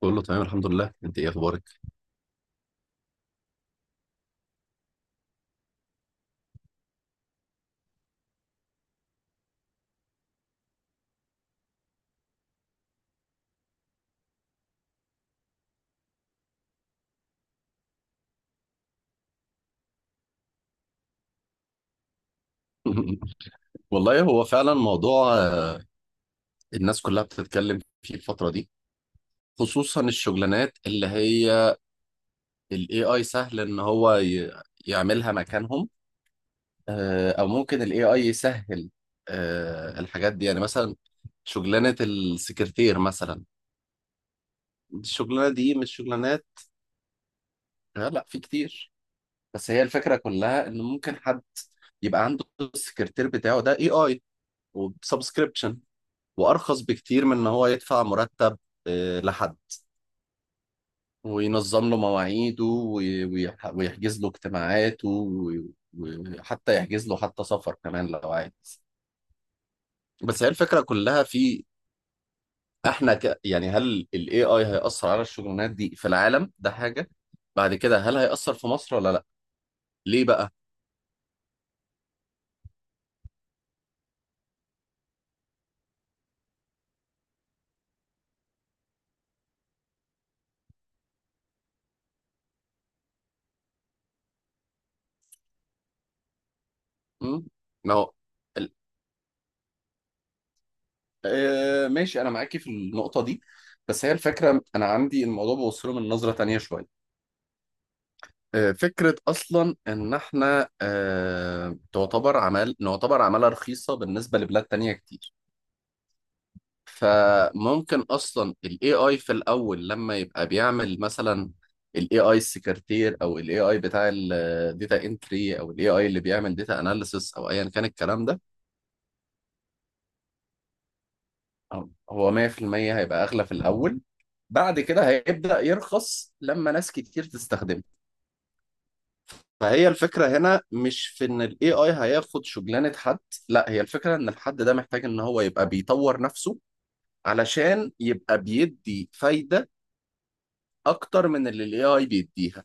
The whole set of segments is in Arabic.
كله تمام، الحمد لله. انت ايه اخبارك؟ والله هو فعلا موضوع الناس كلها بتتكلم فيه الفترة دي، خصوصا الشغلانات اللي هي الاي اي سهل ان هو يعملها مكانهم. او ممكن الاي اي يسهل الحاجات دي، يعني مثلا شغلانة السكرتير مثلا. الشغلانة دي مش شغلانات. لا، في كتير. بس هي الفكرة كلها ان ممكن حد يبقى عنده السكرتير بتاعه ده اي اي، وبسبسكريبشن، وارخص بكتير من ان هو يدفع مرتب لحد، وينظم له مواعيده ويحجز له اجتماعاته وحتى يحجز له حتى سفر كمان لو عايز. بس هي الفكرة كلها في احنا يعني هل ال AI هيأثر على الشغلانات دي في العالم ده، حاجة بعد كده هل هيأثر في مصر ولا لا؟ ليه بقى؟ مم؟ ما هو ال... آه ماشي، انا معاكي في النقطة دي. بس هي الفكرة انا عندي الموضوع بوصله من نظرة تانية شوية. فكرة أصلا إن إحنا آه، تعتبر عمل نعتبر عمالة رخيصة بالنسبة لبلاد تانية كتير. فممكن أصلا ال AI في الأول لما يبقى بيعمل مثلا ال AI السكرتير أو ال AI بتاع ال Data Entry أو ال AI اللي بيعمل Data Analysis أو أيا كان الكلام ده. هو 100% هيبقى أغلى في الأول. بعد كده هيبدأ يرخص لما ناس كتير تستخدمه. فهي الفكرة هنا مش في ان ال AI هياخد شغلانة حد، لا، هي الفكرة ان الحد ده محتاج ان هو يبقى بيطور نفسه علشان يبقى بيدي فايدة اكتر من اللي ال AI بيديها.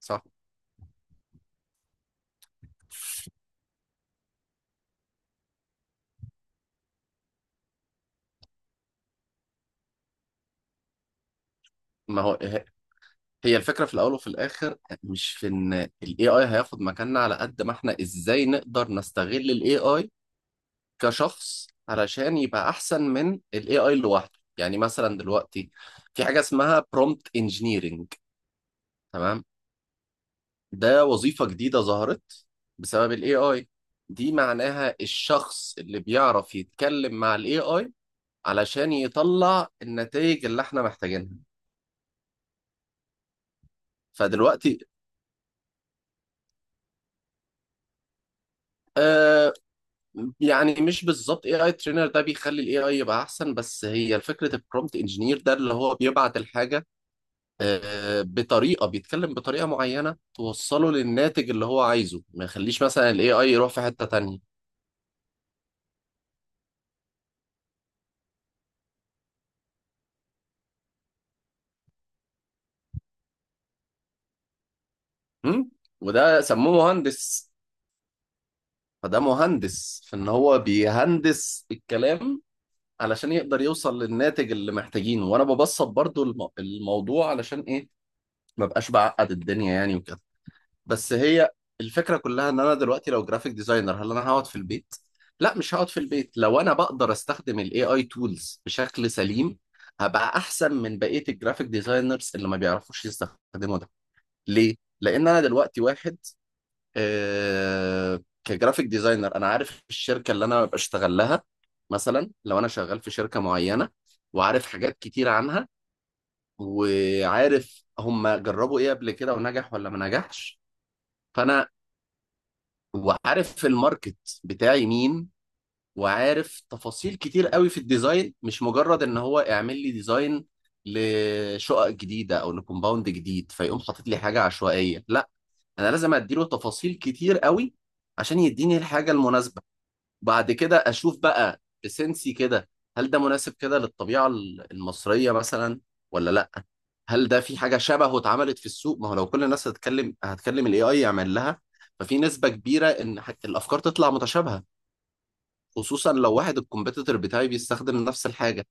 صح. ما هو ه- هي الفكرة في الاول وفي الاخر مش في ان ال AI هياخد مكاننا، على قد ما احنا ازاي نقدر نستغل ال AI كشخص علشان يبقى احسن من ال AI لوحده. يعني مثلا دلوقتي في حاجة اسمها prompt engineering. تمام. ده وظيفة جديدة ظهرت بسبب ال AI. دي معناها الشخص اللي بيعرف يتكلم مع ال AI علشان يطلع النتائج اللي احنا محتاجينها. فدلوقتي آه، يعني مش بالظبط AI trainer ده بيخلي ال AI يبقى أحسن، بس هي فكرة ال prompt engineer ده اللي هو بيبعت الحاجة آه بطريقة، بيتكلم بطريقة معينة توصله للناتج اللي هو عايزه، ما يخليش مثلا ال AI يروح في حتة تانية. م؟ وده سموه مهندس. فده مهندس في ان هو بيهندس الكلام علشان يقدر يوصل للناتج اللي محتاجينه. وانا ببسط برضو الموضوع علشان ايه؟ ما بقاش بعقد الدنيا يعني وكده. بس هي الفكرة كلها ان انا دلوقتي لو جرافيك ديزاينر، هل انا هقعد في البيت؟ لا، مش هقعد في البيت لو انا بقدر استخدم الاي اي تولز بشكل سليم. هبقى احسن من بقية الجرافيك ديزاينرز اللي ما بيعرفوش يستخدموا ده. ليه؟ لان انا دلوقتي واحد آه، كجرافيك ديزاينر، انا عارف الشركه اللي انا ببقى اشتغل لها. مثلا لو انا شغال في شركه معينه وعارف حاجات كتير عنها وعارف هم جربوا ايه قبل كده ونجح ولا ما نجحش، فانا وعارف الماركت بتاعي مين وعارف تفاصيل كتير قوي في الديزاين. مش مجرد ان هو اعمل لي ديزاين لشقق جديده او لكومباوند جديد فيقوم حاطط لي حاجه عشوائيه. لا. انا لازم اديله تفاصيل كتير قوي عشان يديني الحاجه المناسبه. وبعد كده اشوف بقى بسنسي كده، هل ده مناسب كده للطبيعه المصريه مثلا ولا لا، هل ده في حاجه شبهه اتعملت في السوق. ما هو لو كل الناس هتكلم الاي اي يعمل لها، ففي نسبه كبيره ان الافكار تطلع متشابهه. خصوصا لو واحد الكومبيتيتور بتاعي بيستخدم نفس الحاجه،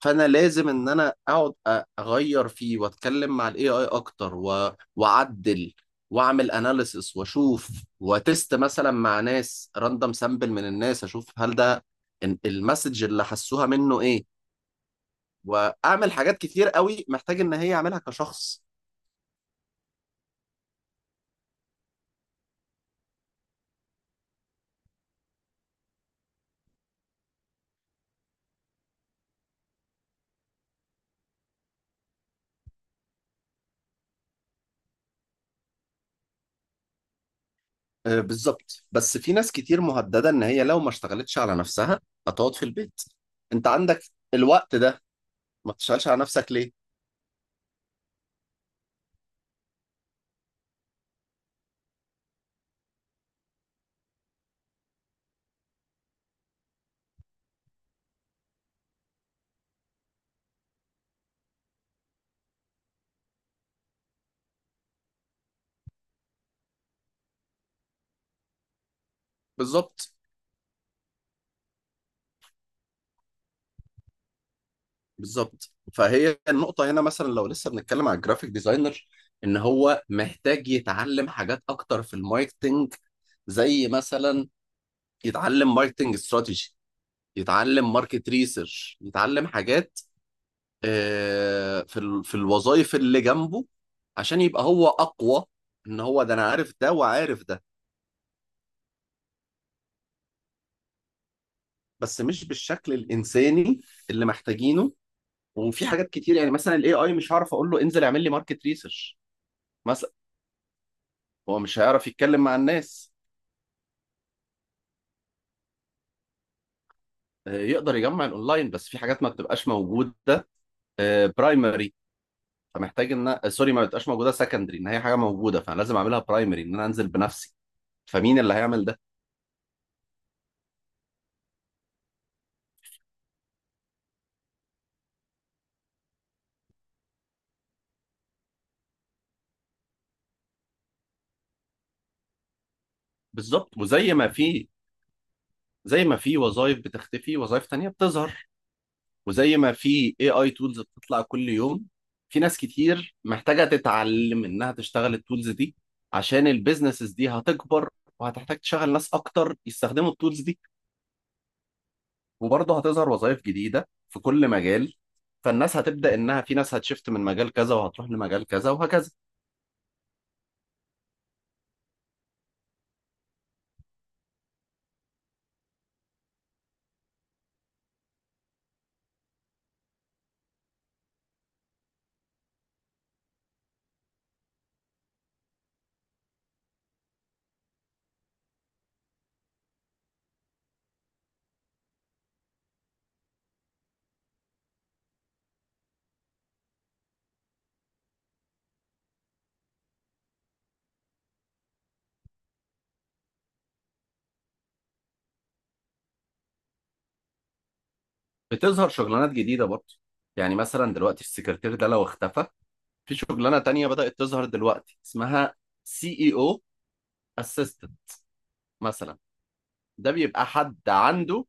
فانا لازم ان انا اقعد اغير فيه واتكلم مع الاي اي اكتر واعدل واعمل اناليسس واشوف وتست مثلا مع ناس راندم سامبل من الناس، اشوف هل ده المسج اللي حسوها منه ايه. واعمل حاجات كتير قوي محتاج ان هي اعملها كشخص. بالظبط. بس في ناس كتير مهددة ان هي لو ما اشتغلتش على نفسها هتقعد في البيت. انت عندك الوقت ده، ما تشتغلش على نفسك ليه؟ بالظبط بالظبط، فهي النقطة هنا مثلا لو لسه بنتكلم على الجرافيك ديزاينر ان هو محتاج يتعلم حاجات اكتر في الماركتنج، زي مثلا يتعلم ماركتنج استراتيجي، يتعلم ماركت ريسيرش، يتعلم حاجات في الوظائف اللي جنبه عشان يبقى هو اقوى. ان هو ده انا عارف ده وعارف ده بس مش بالشكل الانساني اللي محتاجينه. وفي حاجات كتير، يعني مثلا الاي اي مش هعرف اقول له انزل اعمل لي ماركت ريسيرش. هو مش هيعرف يتكلم مع الناس. يقدر يجمع الاونلاين، بس في حاجات ما بتبقاش موجوده برايمري. فمحتاج ان سوري، ما بتبقاش موجوده سكندري، ان هي حاجه موجوده، فانا لازم اعملها برايمري ان انا انزل بنفسي. فمين اللي هيعمل ده؟ بالظبط. وزي ما في زي ما في وظائف بتختفي وظائف تانية بتظهر، وزي ما في اي اي تولز بتطلع كل يوم، في ناس كتير محتاجه تتعلم انها تشتغل التولز دي. عشان البيزنسز دي هتكبر وهتحتاج تشغل ناس اكتر يستخدموا التولز دي. وبرضه هتظهر وظائف جديدة في كل مجال. فالناس هتبدأ إنها، في ناس هتشفت من مجال كذا وهتروح لمجال كذا وهكذا. بتظهر شغلانات جديدة برضه. يعني مثلا دلوقتي السكرتير ده لو اختفى، في شغلانة تانية بدأت تظهر دلوقتي اسمها سي اي او اسيستنت مثلا. ده بيبقى حد عنده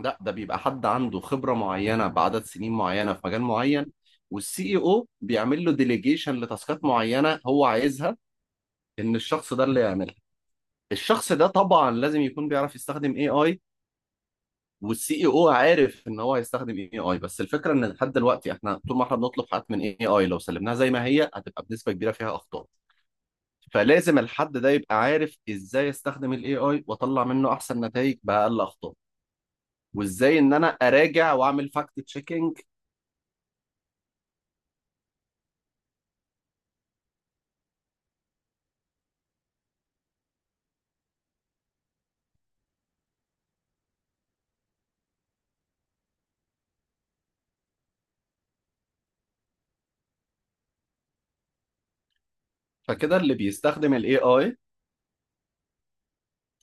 لا، ده بيبقى حد عنده خبرة معينة بعدد سنين معينة في مجال معين. والسي اي او بيعمل له ديليجيشن لتاسكات معينة هو عايزها، إن الشخص ده اللي يعملها. الشخص ده طبعا لازم يكون بيعرف يستخدم اي اي. والسي اي او عارف ان هو هيستخدم اي اي. بس الفكره ان لحد دلوقتي احنا طول ما احنا بنطلب حاجات من اي اي، لو سلمناها زي ما هي هتبقى بنسبه كبيره فيها اخطاء. فلازم الحد ده يبقى عارف ازاي استخدم الاي اي واطلع منه احسن نتائج باقل اخطاء، وازاي ان انا اراجع واعمل فاكت تشيكينج. فكده اللي بيستخدم الاي اي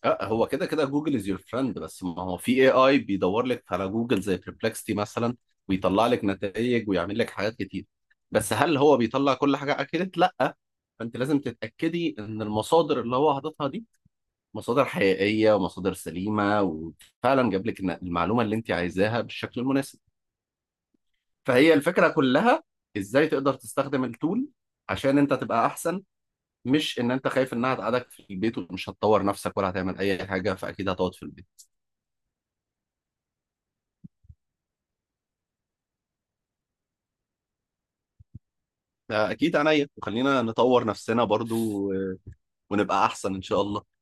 هو كده كده جوجل از يور فريند. بس ما هو في اي اي بيدور لك على جوجل زي بربلكستي مثلا، ويطلع لك نتائج ويعمل لك حاجات كتير. بس هل هو بيطلع كل حاجه؟ اكيد لا. فانت لازم تتاكدي ان المصادر اللي هو حاططها دي مصادر حقيقيه ومصادر سليمه، وفعلا جاب لك المعلومه اللي انت عايزاها بالشكل المناسب. فهي الفكره كلها ازاي تقدر تستخدم التول عشان انت تبقى احسن. مش ان انت خايف انها تقعدك في البيت. ومش هتطور نفسك ولا هتعمل اي حاجه، فاكيد هتقعد في البيت. اكيد عينيا، وخلينا نطور نفسنا برضو و- ونبقى احسن ان شاء الله.